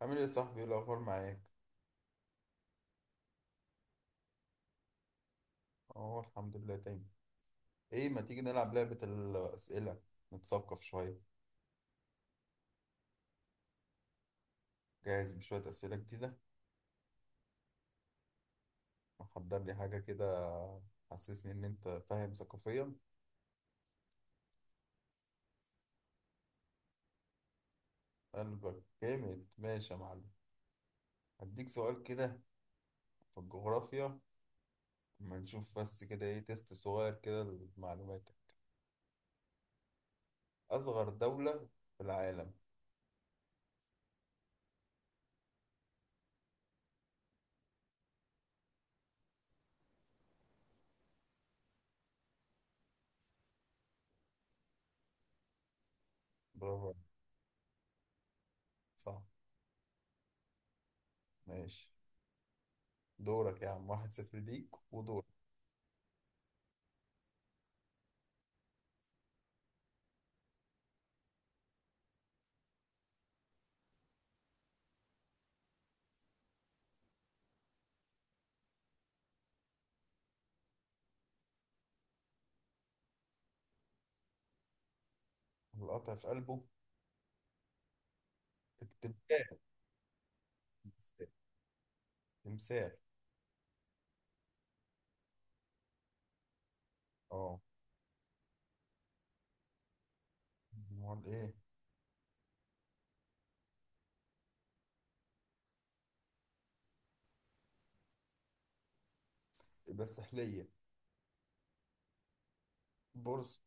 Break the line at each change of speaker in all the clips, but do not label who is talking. عامل ايه يا صاحبي؟ ايه الاخبار معاك؟ اه، الحمد لله تاني. ايه، ما تيجي نلعب لعبة الاسئلة؟ نتثقف شوية. جاهز بشوية اسئلة جديدة. محضر لي حاجة كده؟ حسسني ان انت فاهم ثقافيا. قلبك جامد، ماشي يا معلم. هديك سؤال كده في الجغرافيا. اما نشوف بس كده، ايه، تيست صغير كده لمعلوماتك. اصغر دولة في العالم. برافو عليك. صح. ماشي. دورك يا عم، واحد صفر ليك ودورك. القطع في قلبه؟ تكتب. تمثال. اه. امال ايه؟ بس سحلية؟ برص؟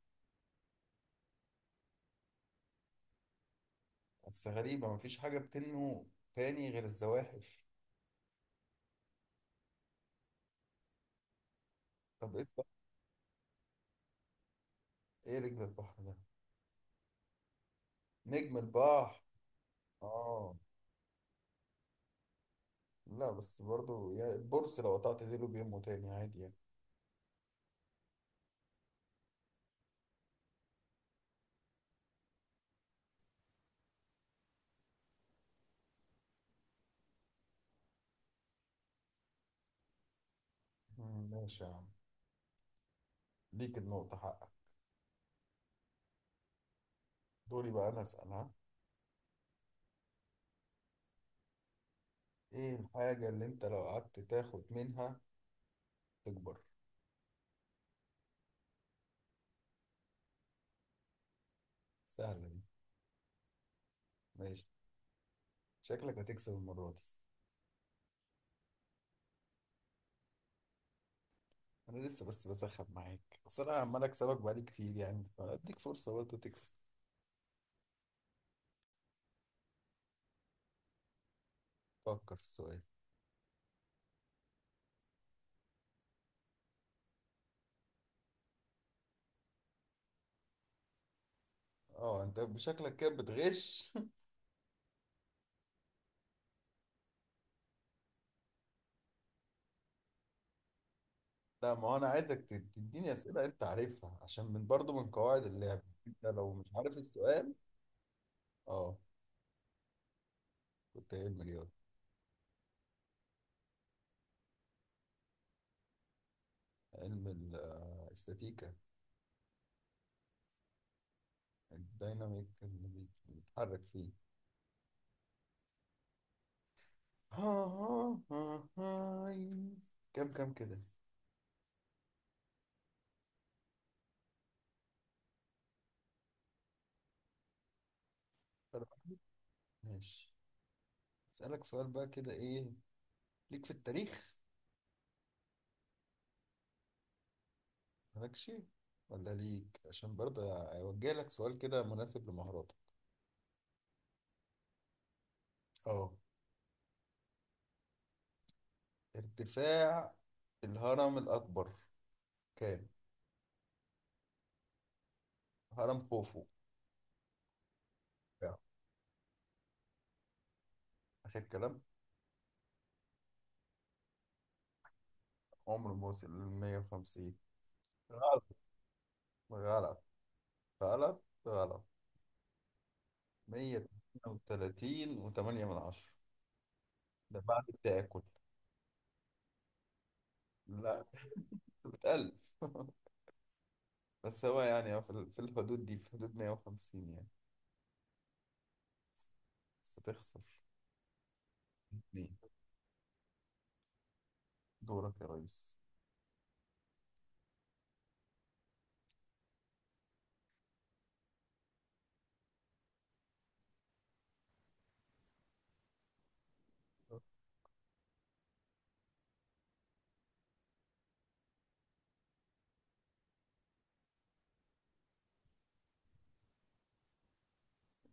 بس غريبة، مفيش حاجة بتنمو تاني غير الزواحف. طب ايه الصح- ايه، رجل البحر ده، نجم البحر. اه. لا بس برضو يعني البرص لو قطعت ديله بينمو تاني عادي يعني. ماشي يا عم، ليك النقطة حقك. دوري بقى انا اسأل، ها. ايه الحاجة اللي انت لو قعدت تاخد منها تكبر؟ سهلة دي. ماشي. شكلك هتكسب المرة دي. انا لسه بس بسخن معاك، بس انا عمال اكسبك بقالي كتير يعني، اديك فرصه برضه تكسب. فكر في سؤال. اه، انت بشكلك كده بتغش. لا، ما هو انا عايزك تديني اسئله انت عارفها، عشان من برضه من قواعد اللعب. انت لو مش عارف السؤال. اه، كنت علم رياضه. علم ال- آه، الاستاتيكا. الديناميك اللي بيتحرك فيه. ها ها ها هاي. كم كده. ماشي. اسالك سؤال بقى كده، ايه ليك في التاريخ؟ مالكش ولا ليك؟ عشان برضه اوجه لك سؤال كده مناسب لمهاراتك. اه، ارتفاع الهرم الاكبر كام؟ هرم خوفو. يعني. اخر كلام. عمره ما وصل ل 150 غلط غلط غلط غلط. 132 و8 من عشرة. ده بعد التاكل. لا. بتألف. بس هو يعني هو في في الحدود دي، في حدود 150 يعني. بس تخسر اتنين. دورك يا ريس.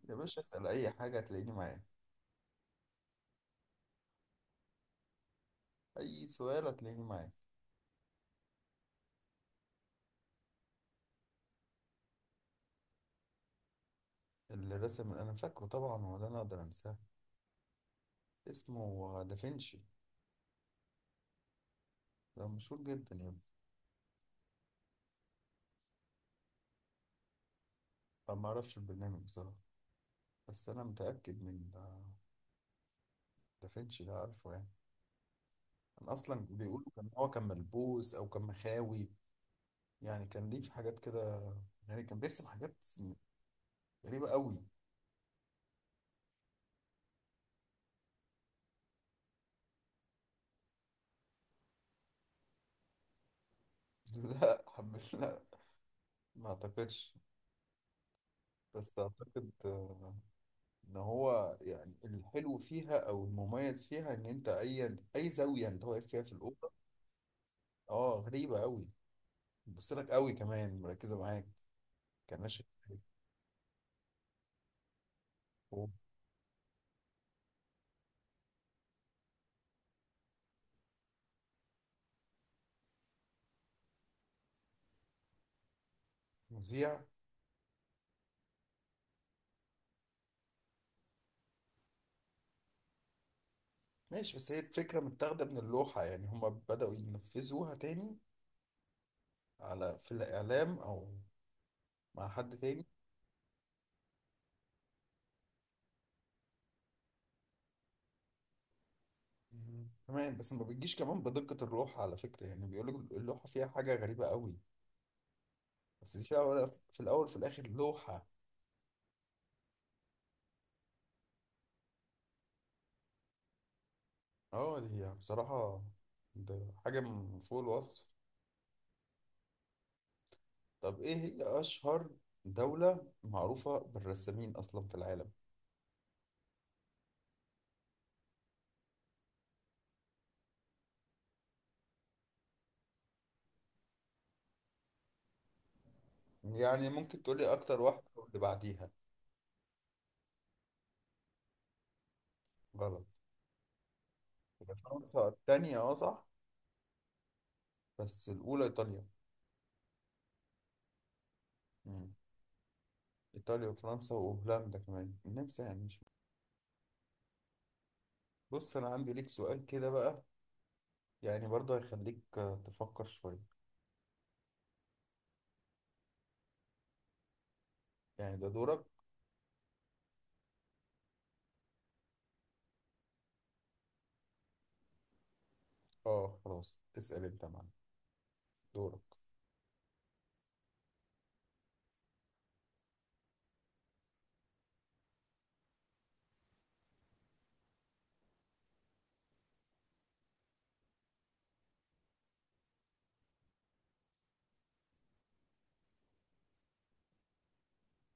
يا باشا، اسأل أي حاجة هتلاقيني معاك، أي سؤال هتلاقيني معاك. اللي رسم أنا فاكره طبعا، ولا أنا أقدر أنساه؟ اسمه دافنشي. ده مشهور جدا يا ابني. أنا ما أعرفش البرنامج بصراحة، بس أنا متأكد من دافنشي ده عارفه يعني. أنا أصلا بيقولوا كان هو كان ملبوس أو كان مخاوي، يعني كان ليه في حاجات كده، يعني كان بيرسم حاجات غريبة قوي. لا حب، لا، ما أعتقدش. بس أعتقد ان هو يعني الحلو فيها او المميز فيها ان انت اي زاويه انت واقف فيها في الاوضه. اه غريبه قوي. بتبص لك قوي، كمان مركزه معاك. كان ماشي. مذيع. ماشي، بس هي الفكره متاخده من اللوحه يعني، هما بداوا ينفذوها تاني، على في الاعلام او مع حد تاني. مم. كمان بس ما بتجيش كمان بدقه اللوحه على فكره، يعني بيقولوا اللوحه فيها حاجه غريبه قوي. بس دي في الاول، في الاول، في الاخر لوحه. اه دي هي بصراحة، ده حاجة من فوق الوصف. طب ايه هي أشهر دولة معروفة بالرسامين أصلا في العالم؟ يعني ممكن تقولي أكتر واحدة واللي بعديها. غلط. يبقى فرنسا التانية، اه صح، بس الأولى إيطاليا. مم. إيطاليا وفرنسا وهولندا، كمان النمسا يعني، مش بص، أنا عندي ليك سؤال كده بقى، يعني برضه هيخليك تفكر شوية. يعني ده دورك. اه خلاص، اسأل انت يا معلم، دورك.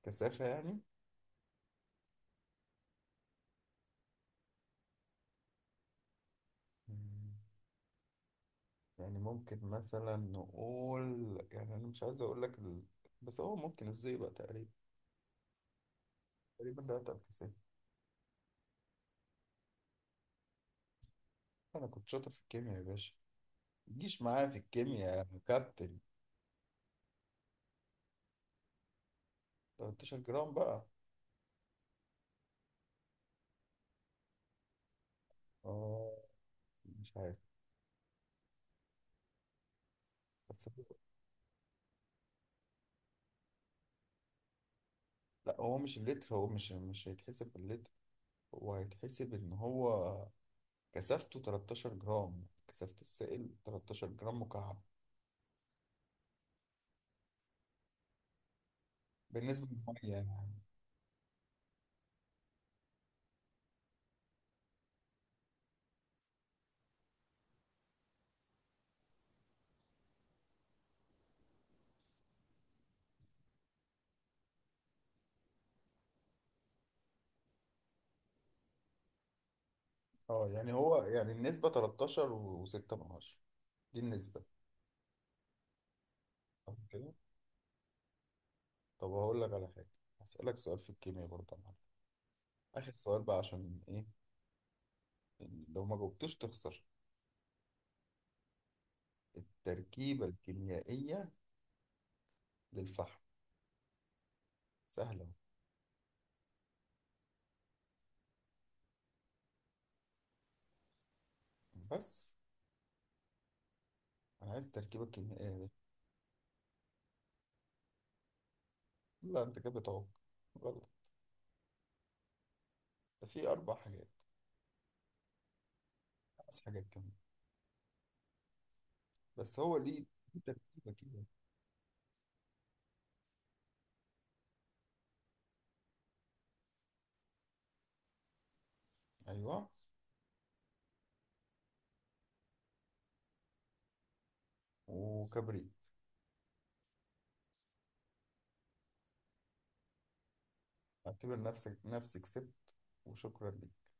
كثافة يعني. مم. يعني ممكن مثلا نقول، يعني انا مش عايز اقول لك ال... بس هو ممكن الزئبق تقريبا. تقريبا ده اتقل كسافة. انا كنت شاطر في الكيمياء يا باشا، متجيش معايا في الكيمياء يا كابتن. 13 جرام بقى. اه مش عارف، بس هو... لا هو مش اللتر، هو مش هيتحسب باللتر. هو هيتحسب ان هو كثافته 13 جرام، كثافة السائل 13 جرام مكعب بالنسبة للمية يعني. اه يعني هو يعني النسبة 13 و6 من عشرة، دي النسبة. طب هقول لك على حاجة، هسألك سؤال في الكيمياء برضه يا معلم، آخر سؤال بقى، عشان إيه؟ لو ما جاوبتوش تخسر. التركيبة الكيميائية للفحم. سهلة أهو. بس أنا عايز التركيبة الكيميائية. دي لا، أنت كده بتعوق. غلط. ده في أربع حاجات، خمس حاجات كمان. بس هو ليه ليه تركيبة كده؟ أيوه. وكبريت. اعتبر نفسك، نفسي كسبت. وشكرا لك.